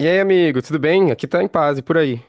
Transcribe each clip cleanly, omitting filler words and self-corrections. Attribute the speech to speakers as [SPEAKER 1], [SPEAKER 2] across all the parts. [SPEAKER 1] E aí, amigo, tudo bem? Aqui tá em paz e por aí.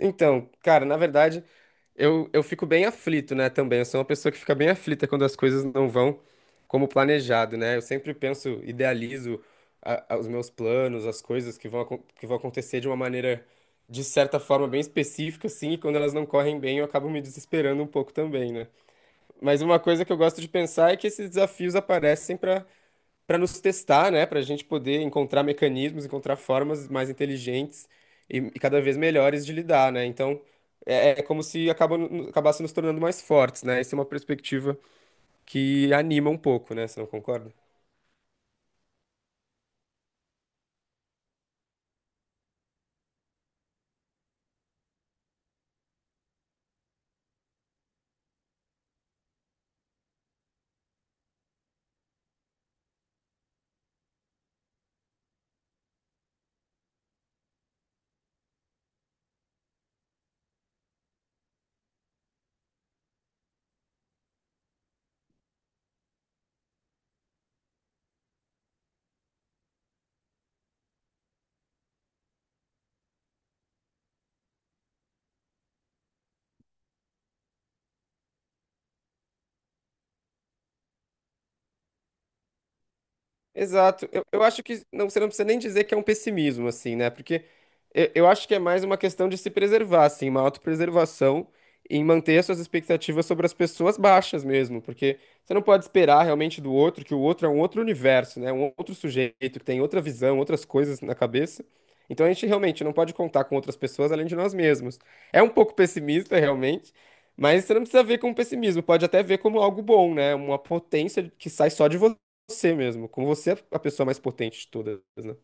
[SPEAKER 1] Então, cara, na verdade, eu fico bem aflito, né, também. Eu sou uma pessoa que fica bem aflita quando as coisas não vão como planejado, né? Eu sempre penso, idealizo os meus planos, as coisas que vão, que vão acontecer de uma maneira, de certa forma, bem específica, assim, e quando elas não correm bem, eu acabo me desesperando um pouco também, né? Mas uma coisa que eu gosto de pensar é que esses desafios aparecem para nos testar, né? Para a gente poder encontrar mecanismos, encontrar formas mais inteligentes e cada vez melhores de lidar, né? Então é, é como se acaba, acabasse nos tornando mais fortes, né? Essa é uma perspectiva que anima um pouco, né? Você não concorda? Exato. Eu acho que não, você não precisa nem dizer que é um pessimismo, assim, né? Porque eu acho que é mais uma questão de se preservar, assim, uma autopreservação em manter as suas expectativas sobre as pessoas baixas mesmo. Porque você não pode esperar realmente do outro, que o outro é um outro universo, né? Um outro sujeito que tem outra visão, outras coisas na cabeça. Então a gente realmente não pode contar com outras pessoas além de nós mesmos. É um pouco pessimista, realmente. Mas você não precisa ver como pessimismo, pode até ver como algo bom, né? Uma potência que sai só de você mesmo, como você é a pessoa mais potente de todas, né?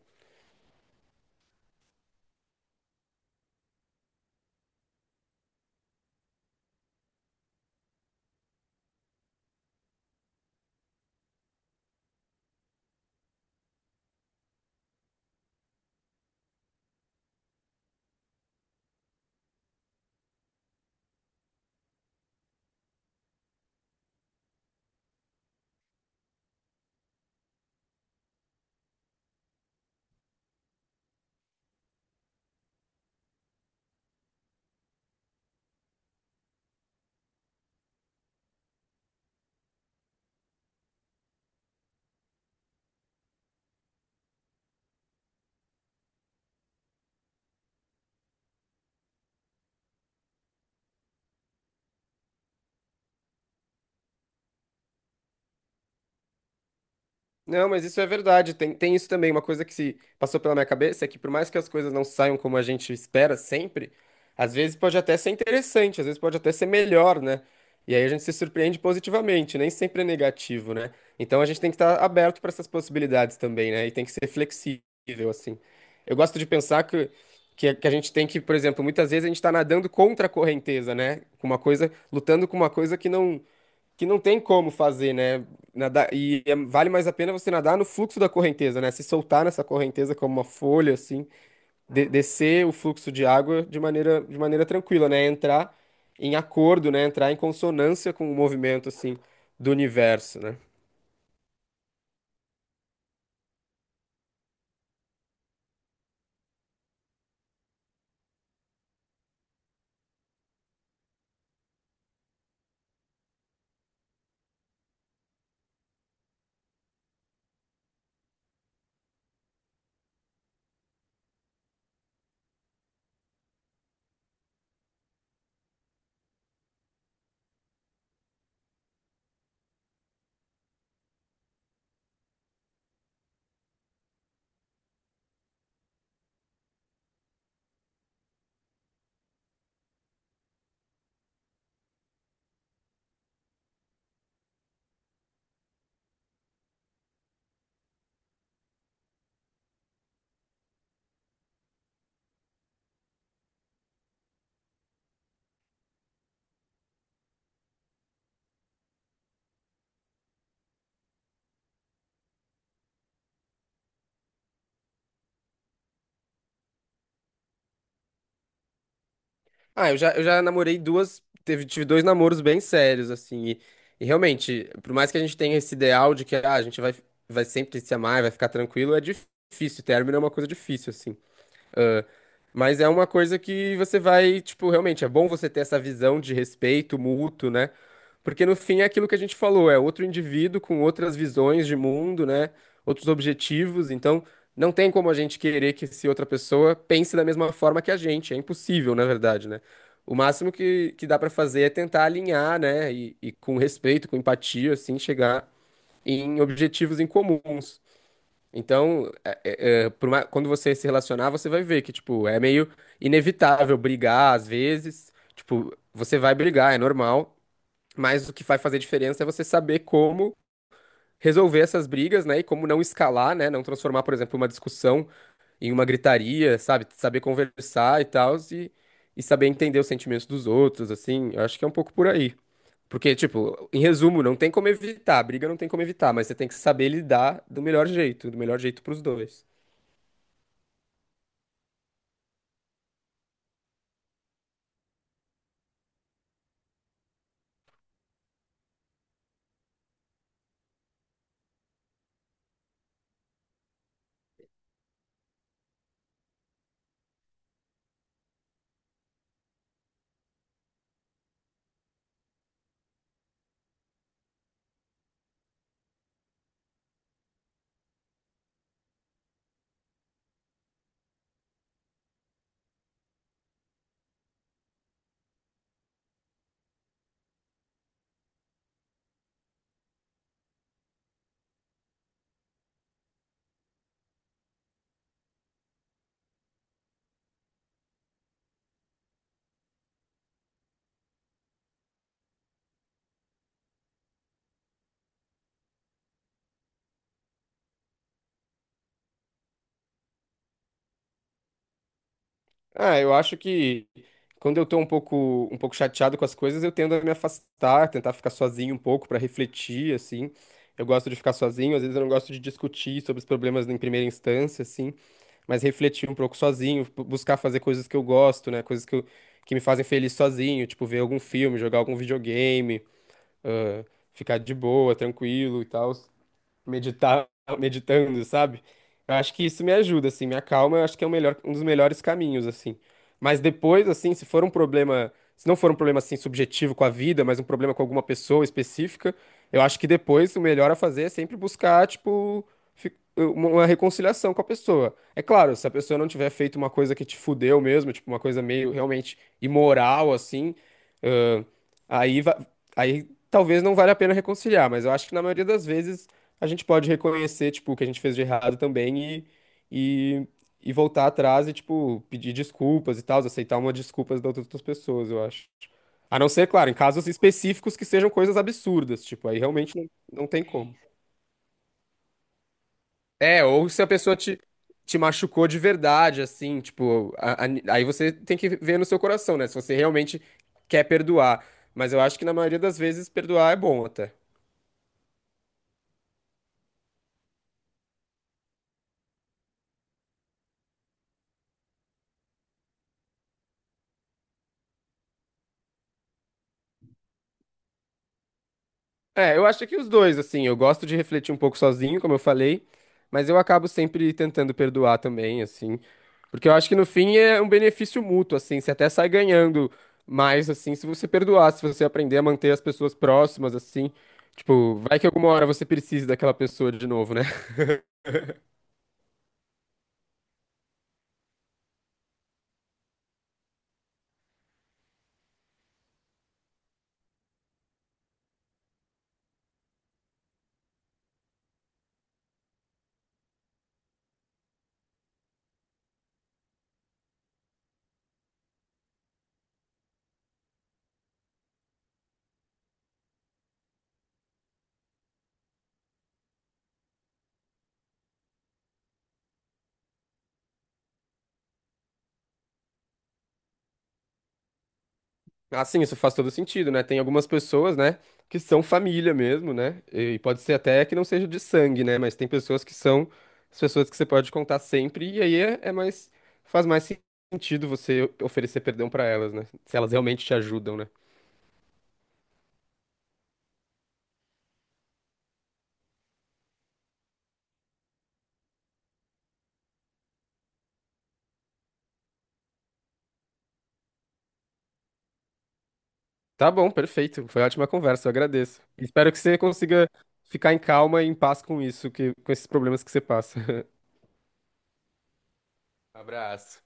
[SPEAKER 1] Não, mas isso é verdade, tem, tem isso também. Uma coisa que se passou pela minha cabeça é que por mais que as coisas não saiam como a gente espera sempre, às vezes pode até ser interessante, às vezes pode até ser melhor, né? E aí a gente se surpreende positivamente, nem sempre é negativo, né? Então a gente tem que estar aberto para essas possibilidades também, né? E tem que ser flexível, assim. Eu gosto de pensar que a gente tem que, por exemplo, muitas vezes a gente está nadando contra a correnteza, né? Com uma coisa, lutando com uma coisa que não tem como fazer, né? Nadar, e vale mais a pena você nadar no fluxo da correnteza, né? Se soltar nessa correnteza como uma folha, assim, descer o fluxo de água de maneira tranquila, né? Entrar em acordo, né? Entrar em consonância com o movimento, assim, do universo, né? Ah, eu já namorei duas, tive dois namoros bem sérios, assim, e realmente, por mais que a gente tenha esse ideal de que ah, vai sempre se amar, vai ficar tranquilo, é difícil, término é uma coisa difícil, assim. Ah, mas é uma coisa que você vai, tipo, realmente é bom você ter essa visão de respeito mútuo, né? Porque no fim é aquilo que a gente falou, é outro indivíduo com outras visões de mundo, né? Outros objetivos, então não tem como a gente querer que se outra pessoa pense da mesma forma que a gente, é impossível, na verdade, né? O máximo que dá pra fazer é tentar alinhar, né? E com respeito, com empatia, assim, chegar em objetivos em comuns. Então, é, quando você se relacionar, você vai ver que, tipo, é meio inevitável brigar às vezes. Tipo, você vai brigar, é normal. Mas o que vai fazer diferença é você saber como resolver essas brigas, né? E como não escalar, né? Não transformar, por exemplo, uma discussão em uma gritaria, sabe? Saber conversar e tal, e saber entender os sentimentos dos outros, assim. Eu acho que é um pouco por aí. Porque, tipo, em resumo, não tem como evitar, briga não tem como evitar, mas você tem que saber lidar do melhor jeito pros dois. Ah, eu acho que quando eu tô um pouco chateado com as coisas, eu tendo a me afastar, tentar ficar sozinho um pouco pra refletir, assim. Eu gosto de ficar sozinho, às vezes eu não gosto de discutir sobre os problemas em primeira instância, assim, mas refletir um pouco sozinho, buscar fazer coisas que eu gosto, né? Coisas que me fazem feliz sozinho, tipo ver algum filme, jogar algum videogame, ah, ficar de boa, tranquilo e tal meditar, meditando, sabe? Eu acho que isso me ajuda, assim, me acalma, eu acho que é o melhor, um dos melhores caminhos, assim. Mas depois, assim, se for um problema, se não for um problema, assim, subjetivo com a vida, mas um problema com alguma pessoa específica, eu acho que depois o melhor a fazer é sempre buscar, tipo, uma reconciliação com a pessoa. É claro, se a pessoa não tiver feito uma coisa que te fudeu mesmo, tipo, uma coisa meio realmente imoral, assim, ãh, aí, va- aí talvez não valha a pena reconciliar, mas eu acho que na maioria das vezes a gente pode reconhecer, tipo, o que a gente fez de errado também e, e, e voltar atrás e, tipo, pedir desculpas e tal, aceitar uma desculpas das outras pessoas, eu acho. A não ser, claro, em casos específicos que sejam coisas absurdas, tipo, aí realmente não, não tem como. É, ou se a pessoa te machucou de verdade, assim, tipo, aí você tem que ver no seu coração, né? Se você realmente quer perdoar. Mas eu acho que na maioria das vezes perdoar é bom até. É, eu acho que os dois, assim, eu gosto de refletir um pouco sozinho, como eu falei, mas eu acabo sempre tentando perdoar também, assim, porque eu acho que no fim é um benefício mútuo, assim, você até sai ganhando mais, assim, se você perdoar, se você aprender a manter as pessoas próximas, assim, tipo, vai que alguma hora você precisa daquela pessoa de novo, né? Ah, sim, isso faz todo sentido, né? Tem algumas pessoas, né, que são família mesmo, né? E pode ser até que não seja de sangue, né? Mas tem pessoas que são as pessoas que você pode contar sempre, e aí é, é mais, faz mais sentido você oferecer perdão pra elas, né? Se elas realmente te ajudam, né? Tá bom, perfeito. Foi ótima conversa, eu agradeço. Espero que você consiga ficar em calma e em paz com isso, que, com esses problemas que você passa. Abraço.